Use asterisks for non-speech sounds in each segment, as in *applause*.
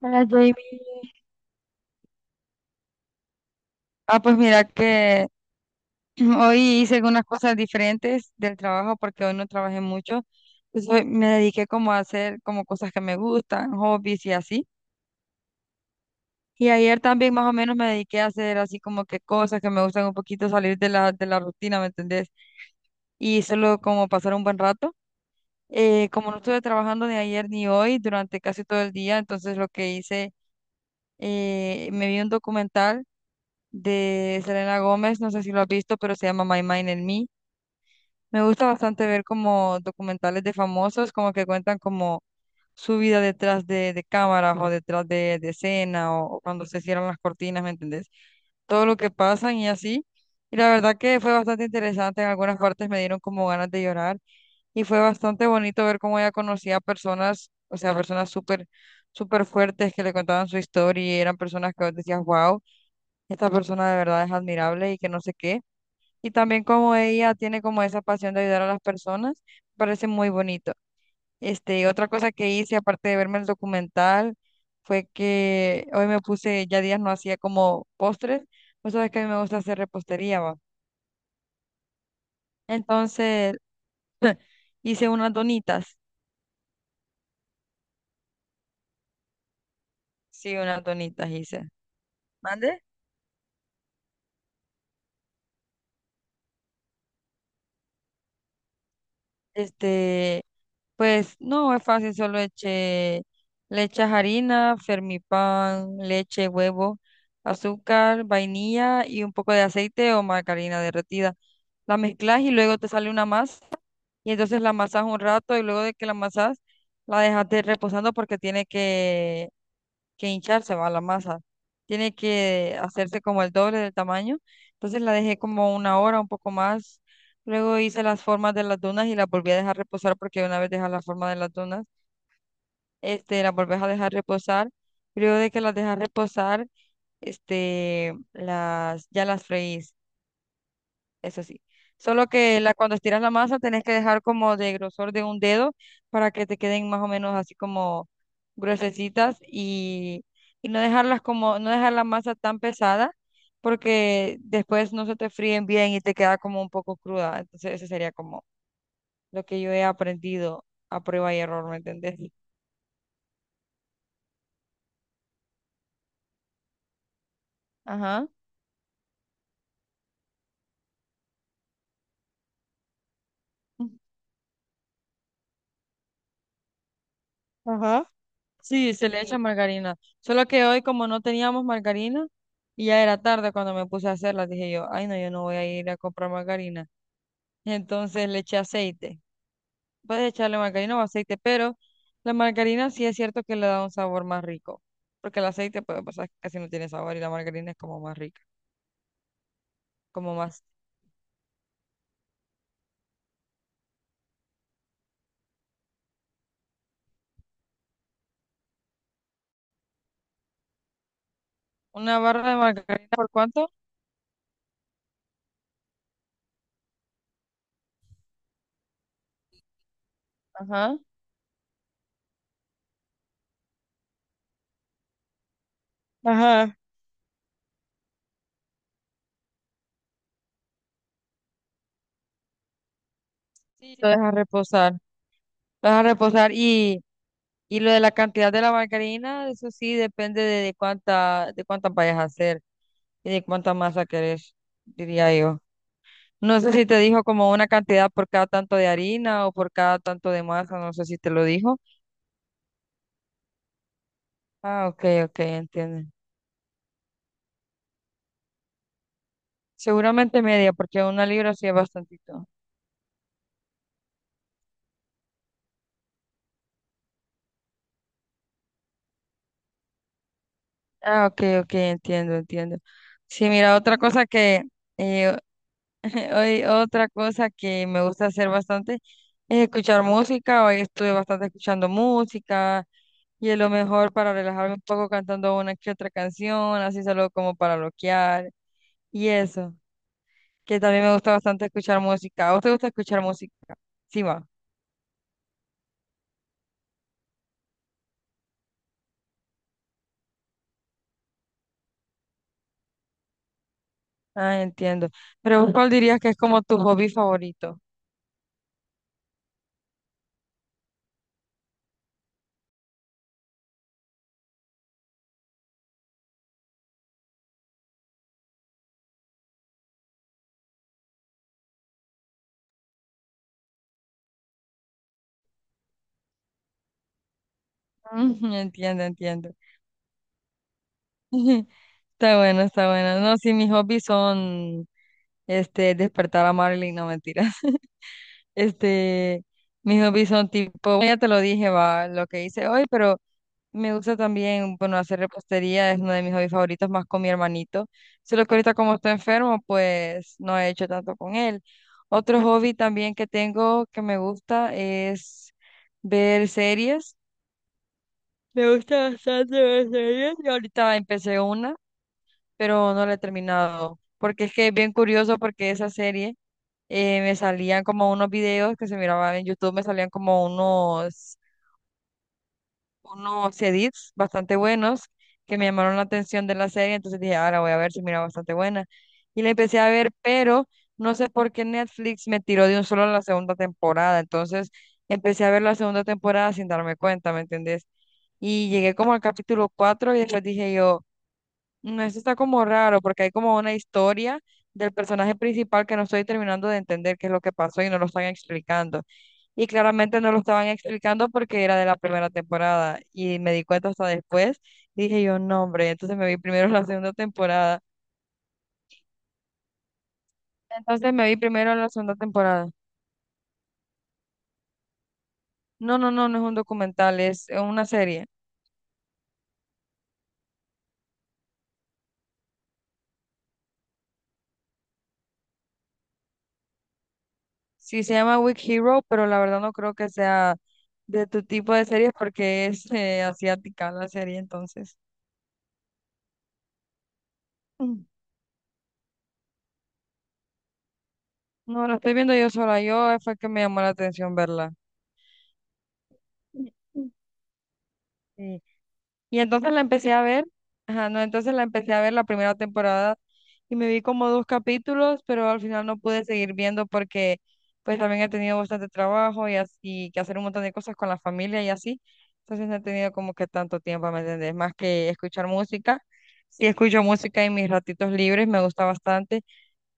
Hola, Jamie. Pues mira que *clears throat* hoy hice algunas cosas diferentes del trabajo porque hoy no trabajé mucho. Pues hoy me dediqué como a hacer como cosas que me gustan, hobbies y así. Y ayer también más o menos me dediqué a hacer así como que cosas que me gustan un poquito salir de la rutina, ¿me entendés? Y solo como pasar un buen rato. Como no estuve trabajando ni ayer ni hoy durante casi todo el día, entonces lo que hice, me vi un documental de Selena Gómez, no sé si lo has visto, pero se llama My Mind and Me. Me gusta bastante ver como documentales de famosos, como que cuentan como su vida detrás de cámaras o detrás de escena o cuando se cierran las cortinas, ¿me entendés? Todo lo que pasan y así. Y la verdad que fue bastante interesante, en algunas partes me dieron como ganas de llorar y fue bastante bonito ver cómo ella conocía a personas, o sea, personas súper, súper fuertes que le contaban su historia y eran personas que vos decías, wow, esta persona de verdad es admirable y que no sé qué. Y también como ella tiene como esa pasión de ayudar a las personas, parece muy bonito. Este, y otra cosa que hice, aparte de verme el documental, fue que hoy me puse, ya días no hacía como postres. Vos sabés que a mí me gusta hacer repostería, va. Entonces, *clears throat* *laughs* hice unas donitas. Sí, unas donitas hice. ¿Mande? Este, pues no es fácil, solo eche, le echas harina, fermipan, leche, huevo, azúcar, vainilla y un poco de aceite o margarina derretida. La mezclas y luego te sale una masa y entonces la amasas un rato y luego de que la amasas la dejas reposando porque tiene que hincharse, va la masa. Tiene que hacerse como el doble del tamaño. Entonces la dejé como una hora, un poco más. Luego hice las formas de las dunas y las volví a dejar reposar porque una vez dejas la forma de las dunas, este, las volvés a dejar reposar. Luego de que las dejas reposar, este, las, ya las freís, eso sí. Solo que la, cuando estiras la masa tenés que dejar como de grosor de un dedo para que te queden más o menos así como gruesecitas y no dejarlas como, no dejar la masa tan pesada porque después no se te fríen bien y te queda como un poco cruda. Entonces ese sería como lo que yo he aprendido a prueba y error, ¿me entendés? Ajá. Ajá. Sí, se le echa. Sí, margarina. Solo que hoy como no teníamos margarina y ya era tarde cuando me puse a hacerla, dije yo, ay, no, yo no voy a ir a comprar margarina. Entonces le eché aceite. Puedes echarle margarina o aceite, pero la margarina sí es cierto que le da un sabor más rico, porque el aceite puede pasar casi no tiene sabor y la margarina es como más rica, como más. Una barra de margarina, ¿por cuánto? Ajá. Ajá. Sí, lo dejas reposar. Lo dejas reposar. Y. Y lo de la cantidad de la margarina, eso sí depende de cuánta, de cuántas vayas a hacer y de cuánta masa querés, diría yo. No sé si te dijo como una cantidad por cada tanto de harina o por cada tanto de masa, no sé si te lo dijo. Ah, ok, ok, entiendo. Seguramente media, porque una libra sí es bastantito. Ah, ok, ok, entiendo, entiendo. Sí, mira, otra cosa que, eh, *laughs* hoy, otra cosa que me gusta hacer bastante es escuchar música. Hoy estuve bastante escuchando música. Y es lo mejor para relajarme un poco cantando una que otra canción, así solo como para bloquear. Y eso, que también me gusta bastante escuchar música. ¿A vos te gusta escuchar música? Sí, va. Ah, entiendo. Pero vos, ¿cuál dirías que es como tu hobby favorito? *laughs* Mm, entiendo, entiendo. *laughs* Está bueno, está bueno. No, sí, mis hobbies son, este, despertar a Marilyn, no, mentiras. *laughs* Este, mis hobbies son tipo, ya te lo dije, va, lo que hice hoy, pero me gusta también, bueno, hacer repostería es uno de mis hobbies favoritos, más con mi hermanito. Solo que ahorita como está enfermo, pues no he hecho tanto con él. Otro hobby también que tengo que me gusta es ver series. Me gusta bastante ver series. Y ahorita empecé una, pero no la he terminado. Porque es que es bien curioso porque esa serie me salían como unos videos que se miraban en YouTube, me salían como unos edits bastante buenos que me llamaron la atención de la serie, entonces dije, ahora voy a ver si mira bastante buena. Y la empecé a ver, pero no sé por qué Netflix me tiró de un solo la segunda temporada, entonces empecé a ver la segunda temporada sin darme cuenta, ¿me entendés? Y llegué como al capítulo 4 y después dije yo, no, esto está como raro porque hay como una historia del personaje principal que no estoy terminando de entender qué es lo que pasó y no lo están explicando y claramente no lo estaban explicando porque era de la primera temporada y me di cuenta hasta después. Dije yo, no, hombre, entonces me vi primero la segunda temporada. Entonces me vi primero la segunda temporada. No, no, no, no es un documental, es una serie. Sí, se llama Weak Hero, pero la verdad no creo que sea de tu tipo de series porque es asiática la serie, entonces. Mm. No, la estoy viendo yo sola, yo fue que me llamó la atención verla. Mm, mm. Sí. Y entonces la empecé a ver, ajá, no, entonces la empecé a ver la primera temporada y me vi como dos capítulos, pero al final no pude seguir viendo porque pues también he tenido bastante trabajo y así, que hacer un montón de cosas con la familia y así. Entonces no he tenido como que tanto tiempo, ¿me entendés? Más que escuchar música. Sí escucho música en mis ratitos libres, me gusta bastante.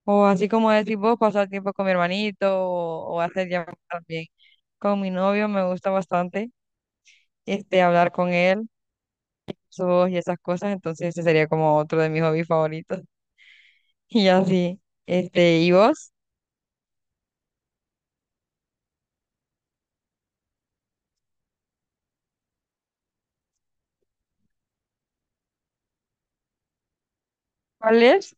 O así como decís vos, pasar tiempo con mi hermanito o hacer llamadas también con mi novio, me gusta bastante, este, hablar con él surf y esas cosas, entonces ese sería como otro de mis hobbies favoritos. *laughs* Y así, este, ¿y vos? ¿Cuál es?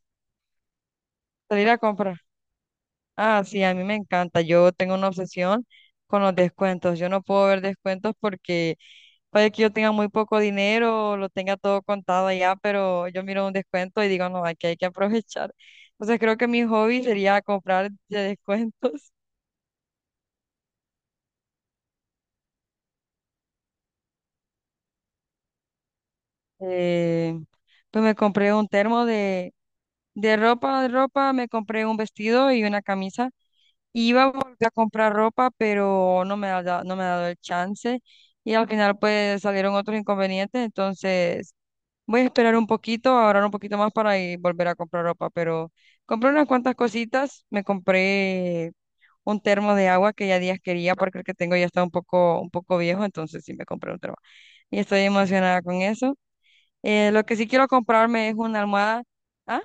Salir a comprar. Ah, sí, a mí me encanta. Yo tengo una obsesión con los descuentos. Yo no puedo ver descuentos porque puede que yo tenga muy poco dinero, lo tenga todo contado allá, pero yo miro un descuento y digo, no, aquí hay que aprovechar. Entonces creo que mi hobby sería comprar de descuentos. eh, pues me compré un termo de ropa, me compré un vestido y una camisa. Y iba a volver a comprar ropa, pero no me ha dado, no me ha dado el chance. Y al final pues salieron otros inconvenientes, entonces voy a esperar un poquito, ahorrar un poquito más para ir, volver a comprar ropa. Pero compré unas cuantas cositas, me compré un termo de agua que ya días quería porque el que tengo ya está un poco viejo, entonces sí me compré un termo. Y estoy emocionada con eso. Lo que sí quiero comprarme es una almohada. Ah,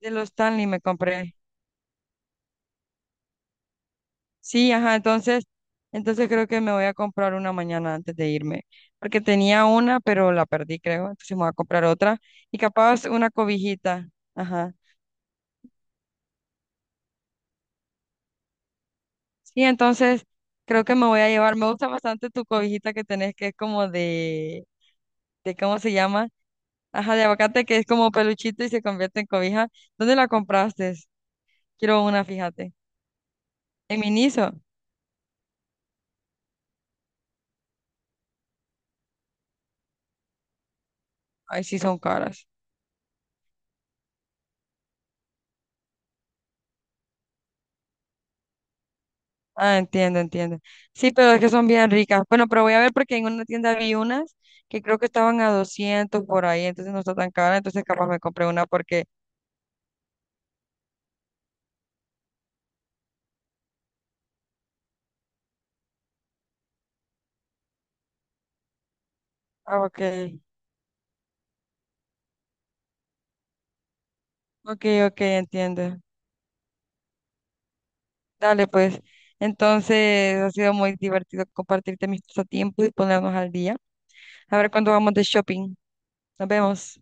de los Stanley me compré. Sí, ajá, entonces, entonces creo que me voy a comprar una mañana antes de irme, porque tenía una, pero la perdí, creo. Entonces me voy a comprar otra y capaz una cobijita. Ajá. Sí, entonces creo que me voy a llevar. Me gusta bastante tu cobijita que tenés, que es como de ¿cómo se llama? Ajá, de aguacate, que es como peluchito y se convierte en cobija. ¿Dónde la compraste? Quiero una, fíjate. En Miniso. Ay, sí, son caras. Ah, entiendo, entiendo. Sí, pero es que son bien ricas. Bueno, pero voy a ver porque en una tienda vi unas que creo que estaban a 200 por ahí, entonces no está tan cara, entonces capaz me compré una porque... Ah, ok, ok, ok, entiendo. Dale, pues. Entonces ha sido muy divertido compartirte mis pasatiempos y ponernos al día. A ver cuándo vamos de shopping. Nos vemos.